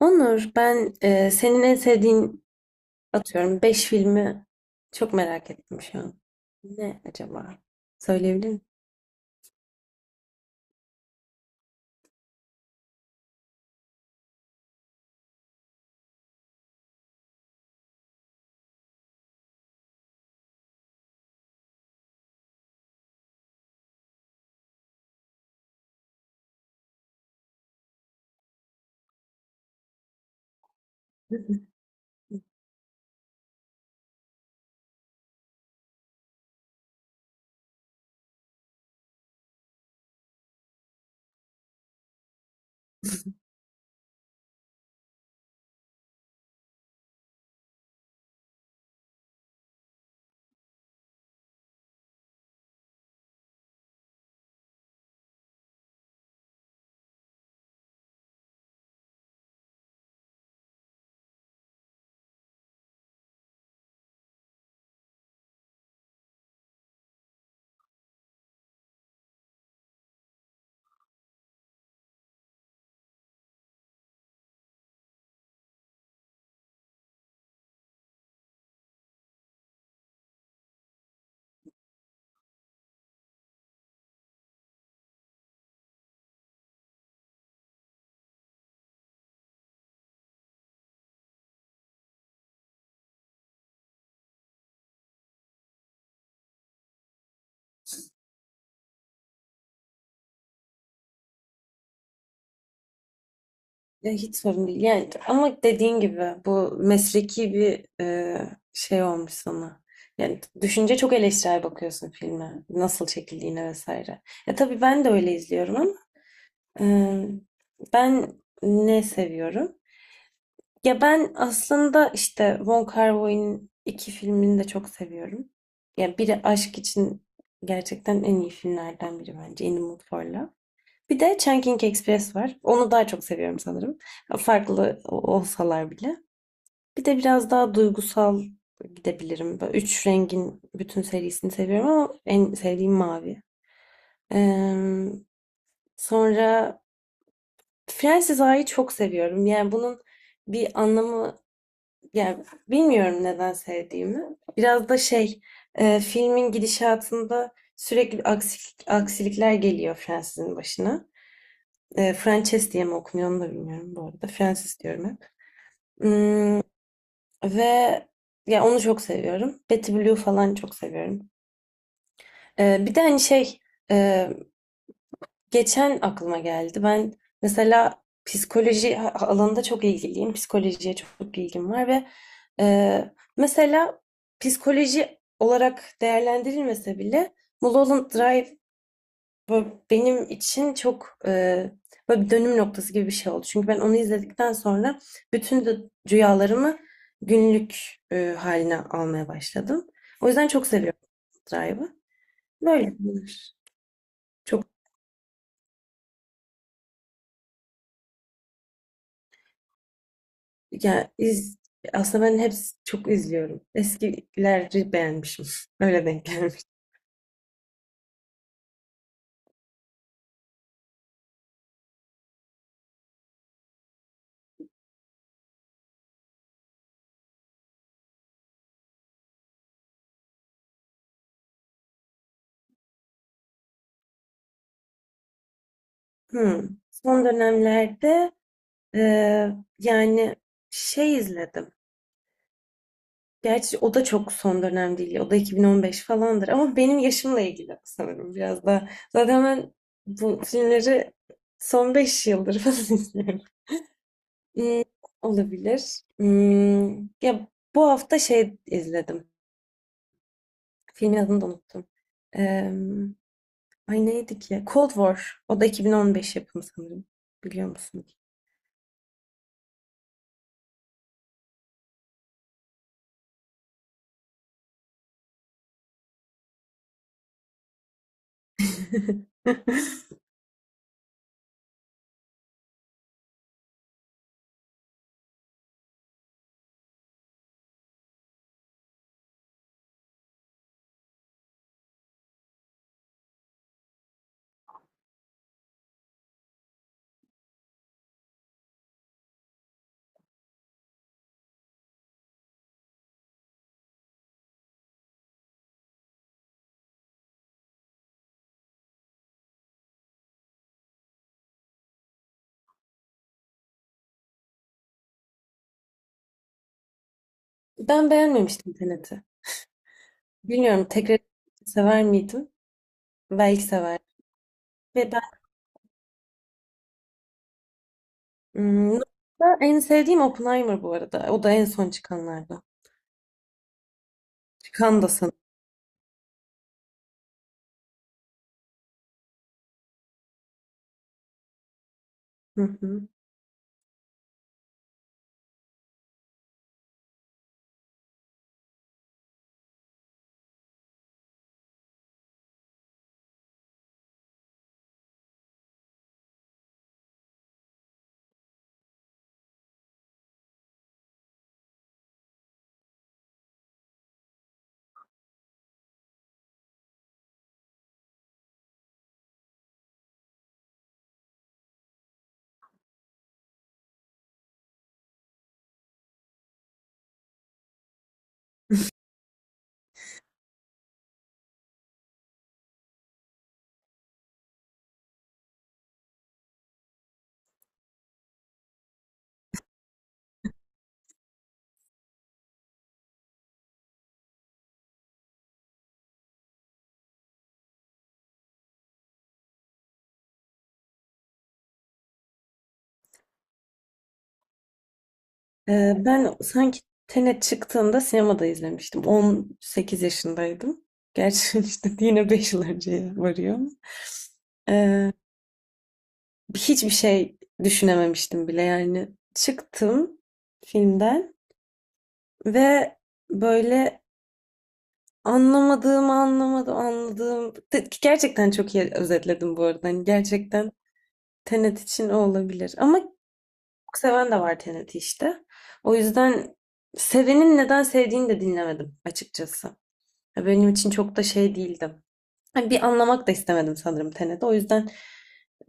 Onur, ben, senin en sevdiğin, atıyorum, 5 filmi çok merak ettim şu an. Ne acaba? Söyleyebilir misin? Ya, hiç sorun değil. Yani, ama dediğin gibi bu mesleki bir, şey olmuş sana. Yani düşünce çok eleştirel bakıyorsun filme. Nasıl çekildiğine vesaire. Ya, tabii ben de öyle izliyorum, ama e, ben ne seviyorum? Ya, ben aslında işte Wong Kar-wai'nin iki filmini de çok seviyorum. Ya, biri aşk için gerçekten en iyi filmlerden biri bence In the Mood for Love. Bir de Chungking Express var. Onu daha çok seviyorum sanırım. Farklı olsalar bile. Bir de biraz daha duygusal gidebilirim. Böyle üç rengin bütün serisini seviyorum, ama en sevdiğim mavi. Ee, Sonra Fransız A'yı çok seviyorum. Yani bunun bir anlamı... Ya, bilmiyorum neden sevdiğimi. Biraz da şey, filmin gidişatında sürekli aksilikler geliyor Francis'in başına. Frances diye mi okunuyor, onu da bilmiyorum bu arada. Francis diyorum hep. Hmm, Ve ya onu çok seviyorum. Betty Blue falan çok seviyorum. Bir de hani şey, e, geçen aklıma geldi. Ben mesela psikoloji alanında çok ilgiliyim. Psikolojiye çok ilgim var ve e, mesela psikoloji olarak değerlendirilmese bile Mulholland Drive böyle benim için çok, böyle bir dönüm noktası gibi bir şey oldu. Çünkü ben onu izledikten sonra bütün de rüyalarımı günlük haline almaya başladım. O yüzden çok seviyorum Drive'ı. Böyle bunlar. Çok Ya iz, Aslında ben hepsi çok izliyorum. Eskileri beğenmişim. Öyle denk gelmiş. Hmm. Son dönemlerde, e, yani şey izledim. Gerçi o da çok son dönem değil. O da 2015 falandır. Ama benim yaşımla ilgili sanırım biraz da. Zaten ben bu filmleri son 5 yıldır falan izliyorum. Hmm, Olabilir. Ya, bu hafta şey izledim. Filmin adını da unuttum. Ay, neydi ki? Cold War. O da 2015 yapımı sanırım. Biliyor musun? Ben beğenmemiştim Tenet'i. Bilmiyorum, tekrar sever miydim? Belki sever. Ve ben, Nolan'da en sevdiğim Oppenheimer bu arada. O da en son çıkanlardan. Çıkan da sanırım. Hı hı. Ben sanki Tenet çıktığında sinemada izlemiştim. 18 yaşındaydım. Gerçi işte yine 5 yıl önceye varıyor. Hiçbir şey düşünememiştim bile yani. Çıktım filmden ve böyle anlamadığım, anlamadım, anladığım. Gerçekten çok iyi özetledim bu arada. Hani gerçekten Tenet için o olabilir. Ama çok seven de var Tenet'i işte. O yüzden sevenin neden sevdiğini de dinlemedim açıkçası. Ya, benim için çok da şey değildi. Hani bir anlamak da istemedim sanırım Tenet'i. O yüzden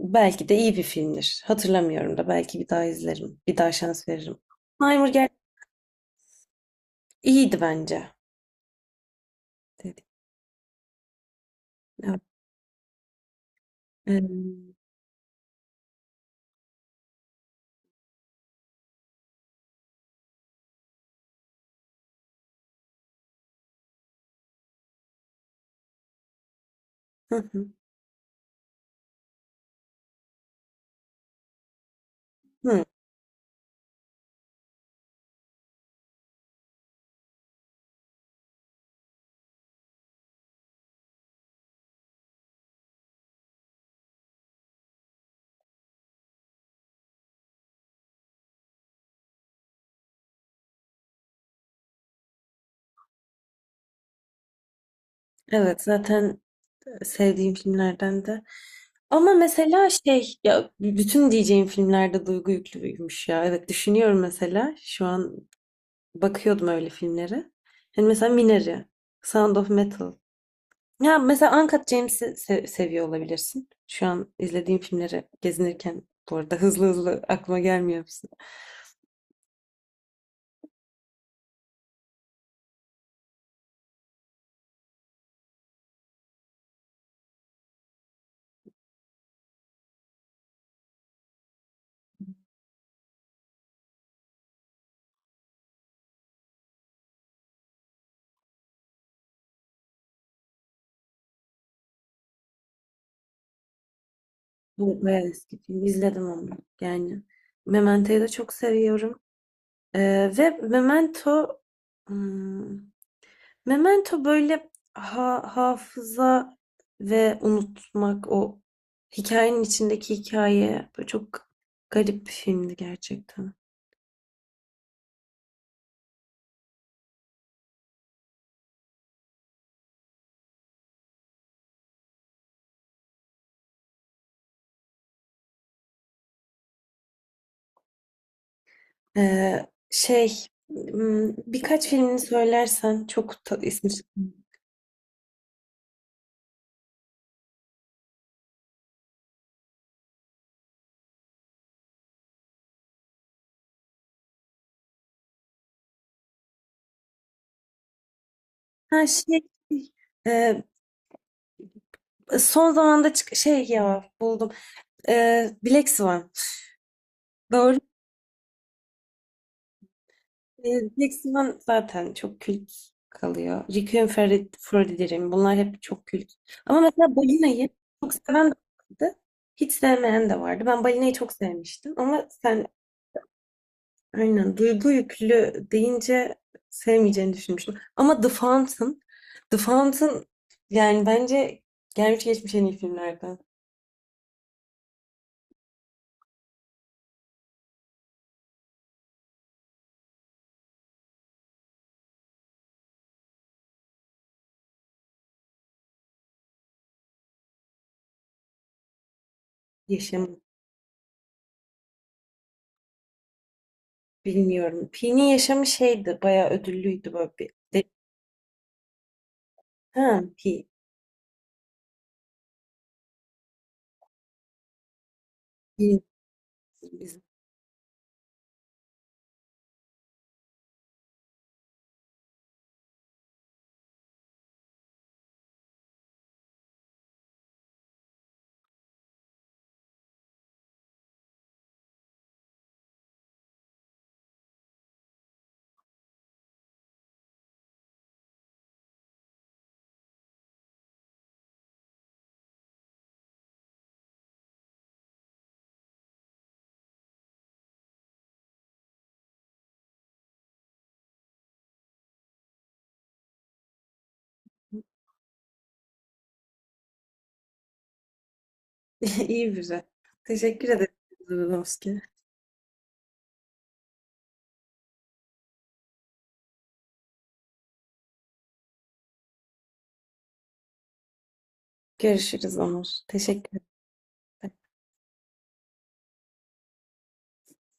belki de iyi bir filmdir. Hatırlamıyorum da, belki bir daha izlerim. Bir daha şans veririm. Primer iyiydi bence. Dedi. Evet. Ee, hı hı. Hı. Evet, zaten sevdiğim filmlerden de. Ama mesela şey, ya bütün diyeceğim filmlerde duygu yüklüymüş ya. Evet, düşünüyorum, mesela şu an bakıyordum öyle filmlere. Hani mesela Minari, Sound of Metal. Ya, mesela Uncut James'i seviyor olabilirsin. Şu an izlediğim filmleri gezinirken bu arada hızlı hızlı aklıma gelmiyor musun? Bu bayağı eski film. İzledim onu. Yani Memento'yu da çok seviyorum. Ve hmm, Memento böyle, hafıza ve unutmak, o hikayenin içindeki hikaye, böyle çok garip bir filmdi gerçekten. Şey, birkaç filmini söylersen çok ismi... Ha şey, e, son zamanda şey ya, buldum. Black Swan. Doğru. E, Black Swan zaten çok kült kalıyor. Requiem for a Dream. Bunlar hep çok kült. Ama mesela Balina'yı çok seven de vardı. Hiç sevmeyen de vardı. Ben Balina'yı çok sevmiştim. Ama sen... Aynen. Duygu yüklü deyince sevmeyeceğini düşünmüştüm. Ama The Fountain, The Fountain yani bence gelmiş geçmiş en iyi filmlerden. Yaşamı bilmiyorum. Pi'nin yaşamı şeydi, bayağı ödüllüydü böyle bir. Ha, Pi. İyi, güzel. İyi güzel. Teşekkür ederim. Zırnovski. Görüşürüz Onur. Teşekkür ederim.